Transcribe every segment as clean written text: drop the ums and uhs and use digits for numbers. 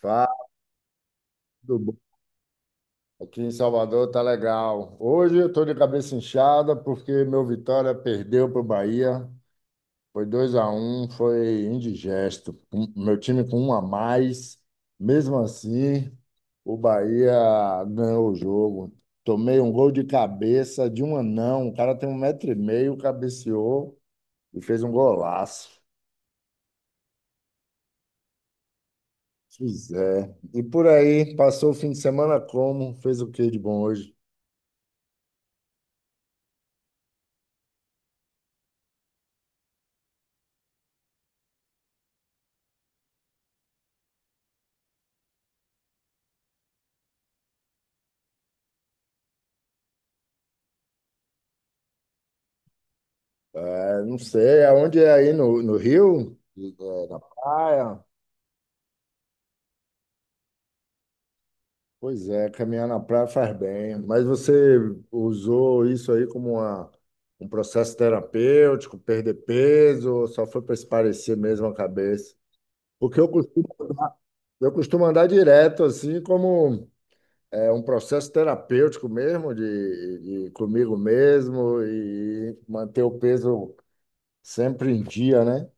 Fala, tudo bom? Aqui em Salvador tá legal. Hoje eu tô de cabeça inchada porque meu Vitória perdeu pro Bahia. Foi 2-1, foi indigesto. Meu time com um a mais. Mesmo assim, o Bahia ganhou o jogo. Tomei um gol de cabeça de um anão. O cara tem 1,5 m, cabeceou e fez um golaço. Pois é. E por aí, passou o fim de semana como? Fez o que de bom hoje? É, não sei, aonde é aí no Rio? É, na praia? Pois é, caminhar na praia faz bem. Mas você usou isso aí como um processo terapêutico, perder peso, ou só foi para espairecer mesmo a cabeça? Porque eu costumo andar direto, assim, como é, um processo terapêutico mesmo, de comigo mesmo, e manter o peso sempre em dia, né?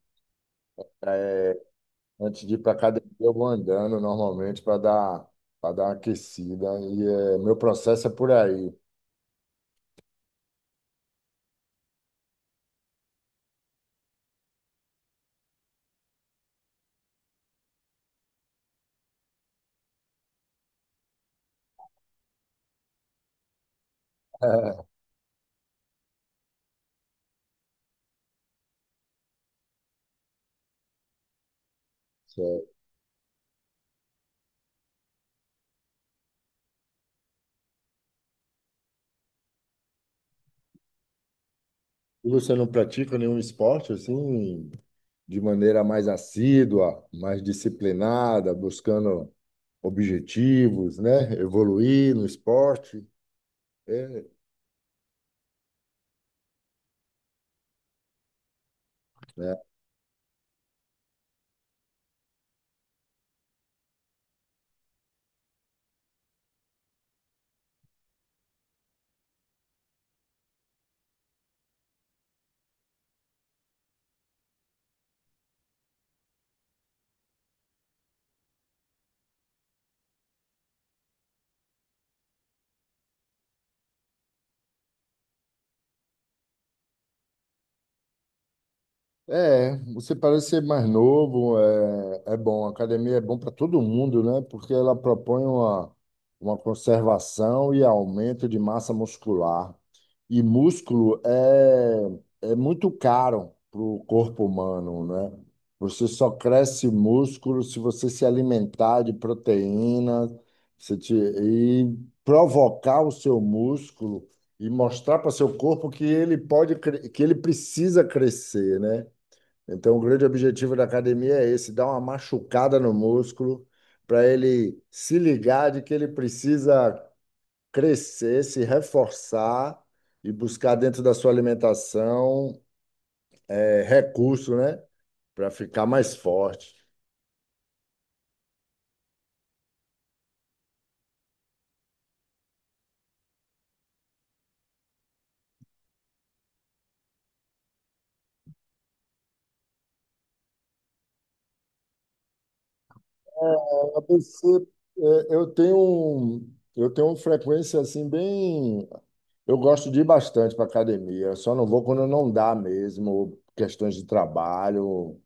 Antes de ir para academia, eu vou andando normalmente para dar uma aquecida. E meu processo é por aí. Certo. E você não pratica nenhum esporte assim, de maneira mais assídua, mais disciplinada, buscando objetivos, né? Evoluir no esporte. É, né? Você parece ser mais novo, é bom. A academia é bom para todo mundo, né? Porque ela propõe uma conservação e aumento de massa muscular. E músculo é muito caro para o corpo humano, né? Você só cresce músculo se você se alimentar de proteína, se te- e provocar o seu músculo e mostrar para seu corpo que ele que ele precisa crescer, né? Então, o grande objetivo da academia é esse, dar uma machucada no músculo para ele se ligar de que ele precisa crescer, se reforçar e buscar dentro da sua alimentação recurso, né, para ficar mais forte. ABC, eu tenho uma frequência assim bem, eu gosto de ir bastante para academia, eu só não vou quando não dá mesmo, questões de trabalho,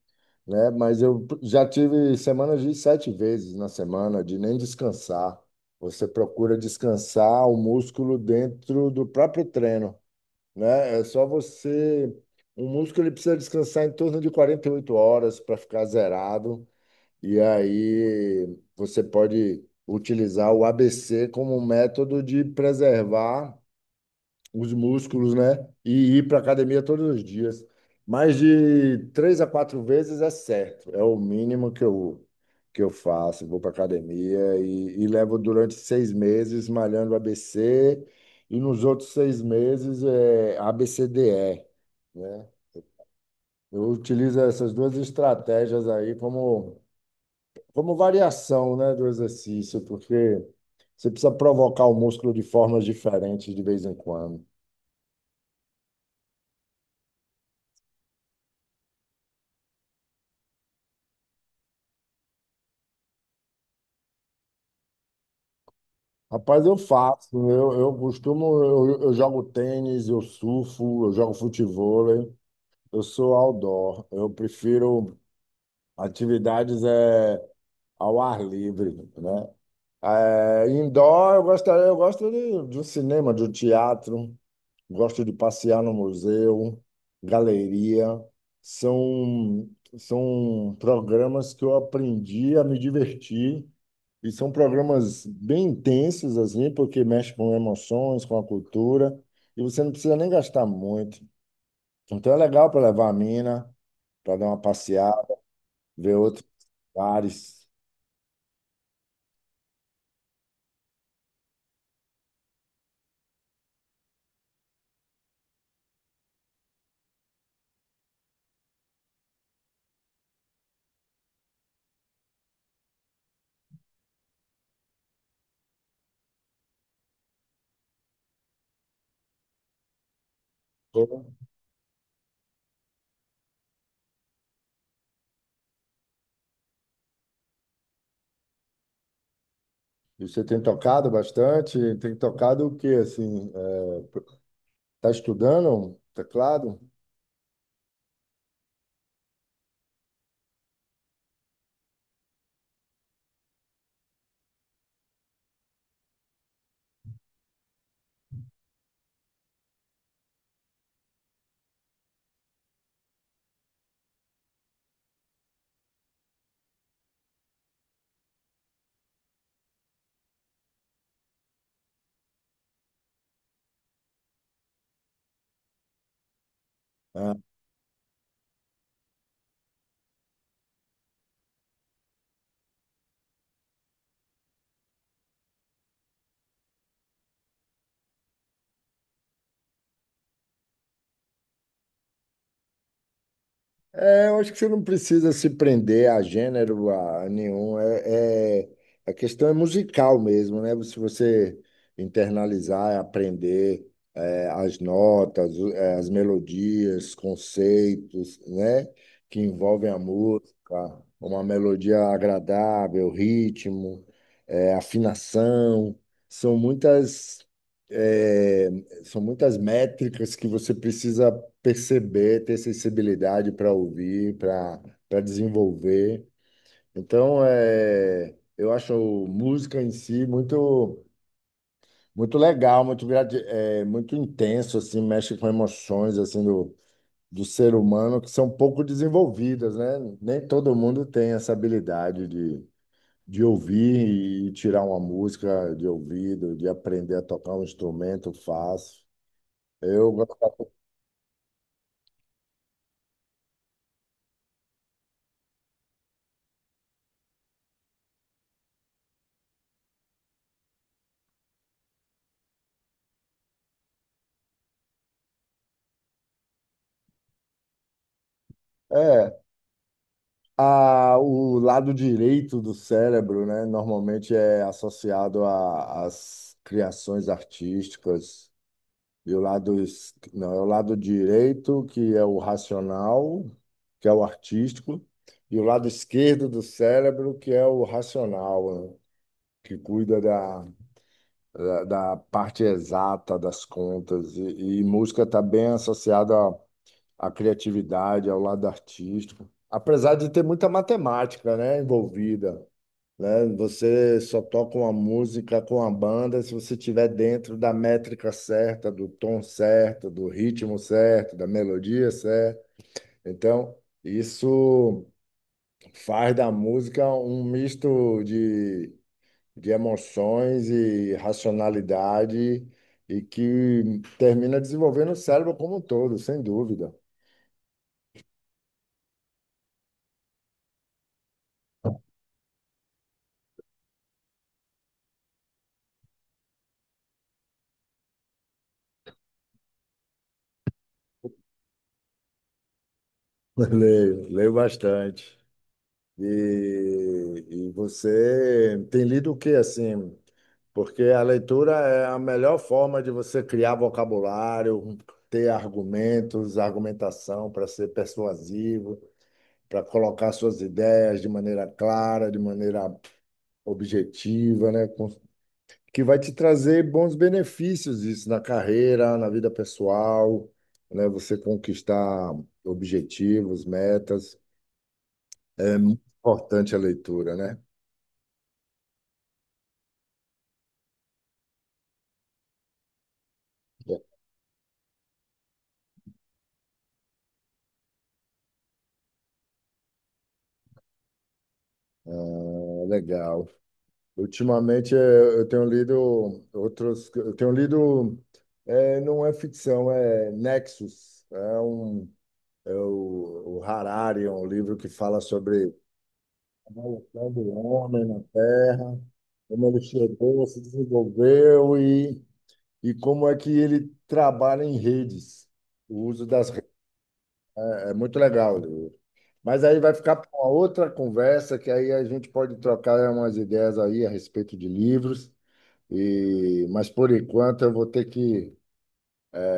né? Mas eu já tive semanas de sete vezes na semana, de nem descansar. Você procura descansar o músculo dentro do próprio treino, né? É só você. O músculo ele precisa descansar em torno de 48 horas para ficar zerado, e aí você pode utilizar o ABC como um método de preservar os músculos, né? E ir para academia todos os dias. Mais de três a quatro vezes é certo, é o mínimo que eu faço. Vou para academia e levo durante 6 meses malhando ABC e nos outros 6 meses é ABCDE, né? Eu utilizo essas duas estratégias aí como variação, né, do exercício, porque você precisa provocar o músculo de formas diferentes de vez em quando. Rapaz, eu faço. Eu costumo, eu jogo tênis, eu surfo, eu jogo futevôlei. Eu sou outdoor. Eu prefiro atividades ao ar livre, né? Indoor, eu gosto de um cinema, de um teatro, gosto de passear no museu, galeria. São, são programas que eu aprendi a me divertir e são programas bem intensos, assim, porque mexe com emoções, com a cultura, e você não precisa nem gastar muito. Então é legal para levar a mina, para dar uma passeada, ver outros lugares. E você tem tocado bastante? Tem tocado o quê, assim? Tá estudando teclado? É. Eu acho que você não precisa se prender a gênero a nenhum. A questão é musical mesmo, né? Se você internalizar, aprender as notas, as melodias, conceitos, né? Que envolvem a música, uma melodia agradável, ritmo, afinação. São muitas, é, são muitas métricas que você precisa perceber, ter sensibilidade para ouvir, para desenvolver. Então, eu acho música em si muito muito legal, muito intenso assim, mexe com emoções assim do ser humano que são pouco desenvolvidas, né? Nem todo mundo tem essa habilidade de ouvir e tirar uma música de ouvido, de aprender a tocar um instrumento fácil. Eu gosto é, a, O lado direito do cérebro, né, normalmente é associado às criações artísticas, e o lado, não, é o lado direito, que é o racional, que é o artístico, e o lado esquerdo do cérebro, que é o racional, né, que cuida da parte exata das contas. E música está bem associada à criatividade, ao lado artístico. Apesar de ter muita matemática, né, envolvida, né? Você só toca uma música com a banda se você estiver dentro da métrica certa, do tom certo, do ritmo certo, da melodia certa. Então, isso faz da música um misto de emoções e racionalidade e que termina desenvolvendo o cérebro como um todo, sem dúvida. Leio, leio bastante. E você tem lido o que assim? Porque a leitura é a melhor forma de você criar vocabulário, ter argumentos, argumentação para ser persuasivo, para colocar suas ideias de maneira clara, de maneira objetiva, né? Que vai te trazer bons benefícios isso na carreira, na vida pessoal, né? Você conquistar objetivos, metas. É muito importante a leitura, né? É legal. Ultimamente eu tenho lido outros, eu tenho lido, eh, não é ficção, é Nexus, é o Harari, é um livro que fala sobre a evolução do homem na Terra, como ele chegou, se desenvolveu e como é que ele trabalha em redes, o uso das redes. É muito legal. Mas aí vai ficar para uma outra conversa, que aí a gente pode trocar umas ideias aí a respeito de livros. E, mas por enquanto eu vou ter que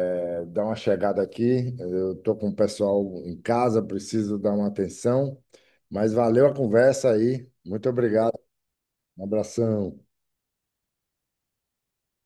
dar uma chegada aqui. Eu estou com o pessoal em casa, preciso dar uma atenção. Mas valeu a conversa aí. Muito obrigado. Um abração.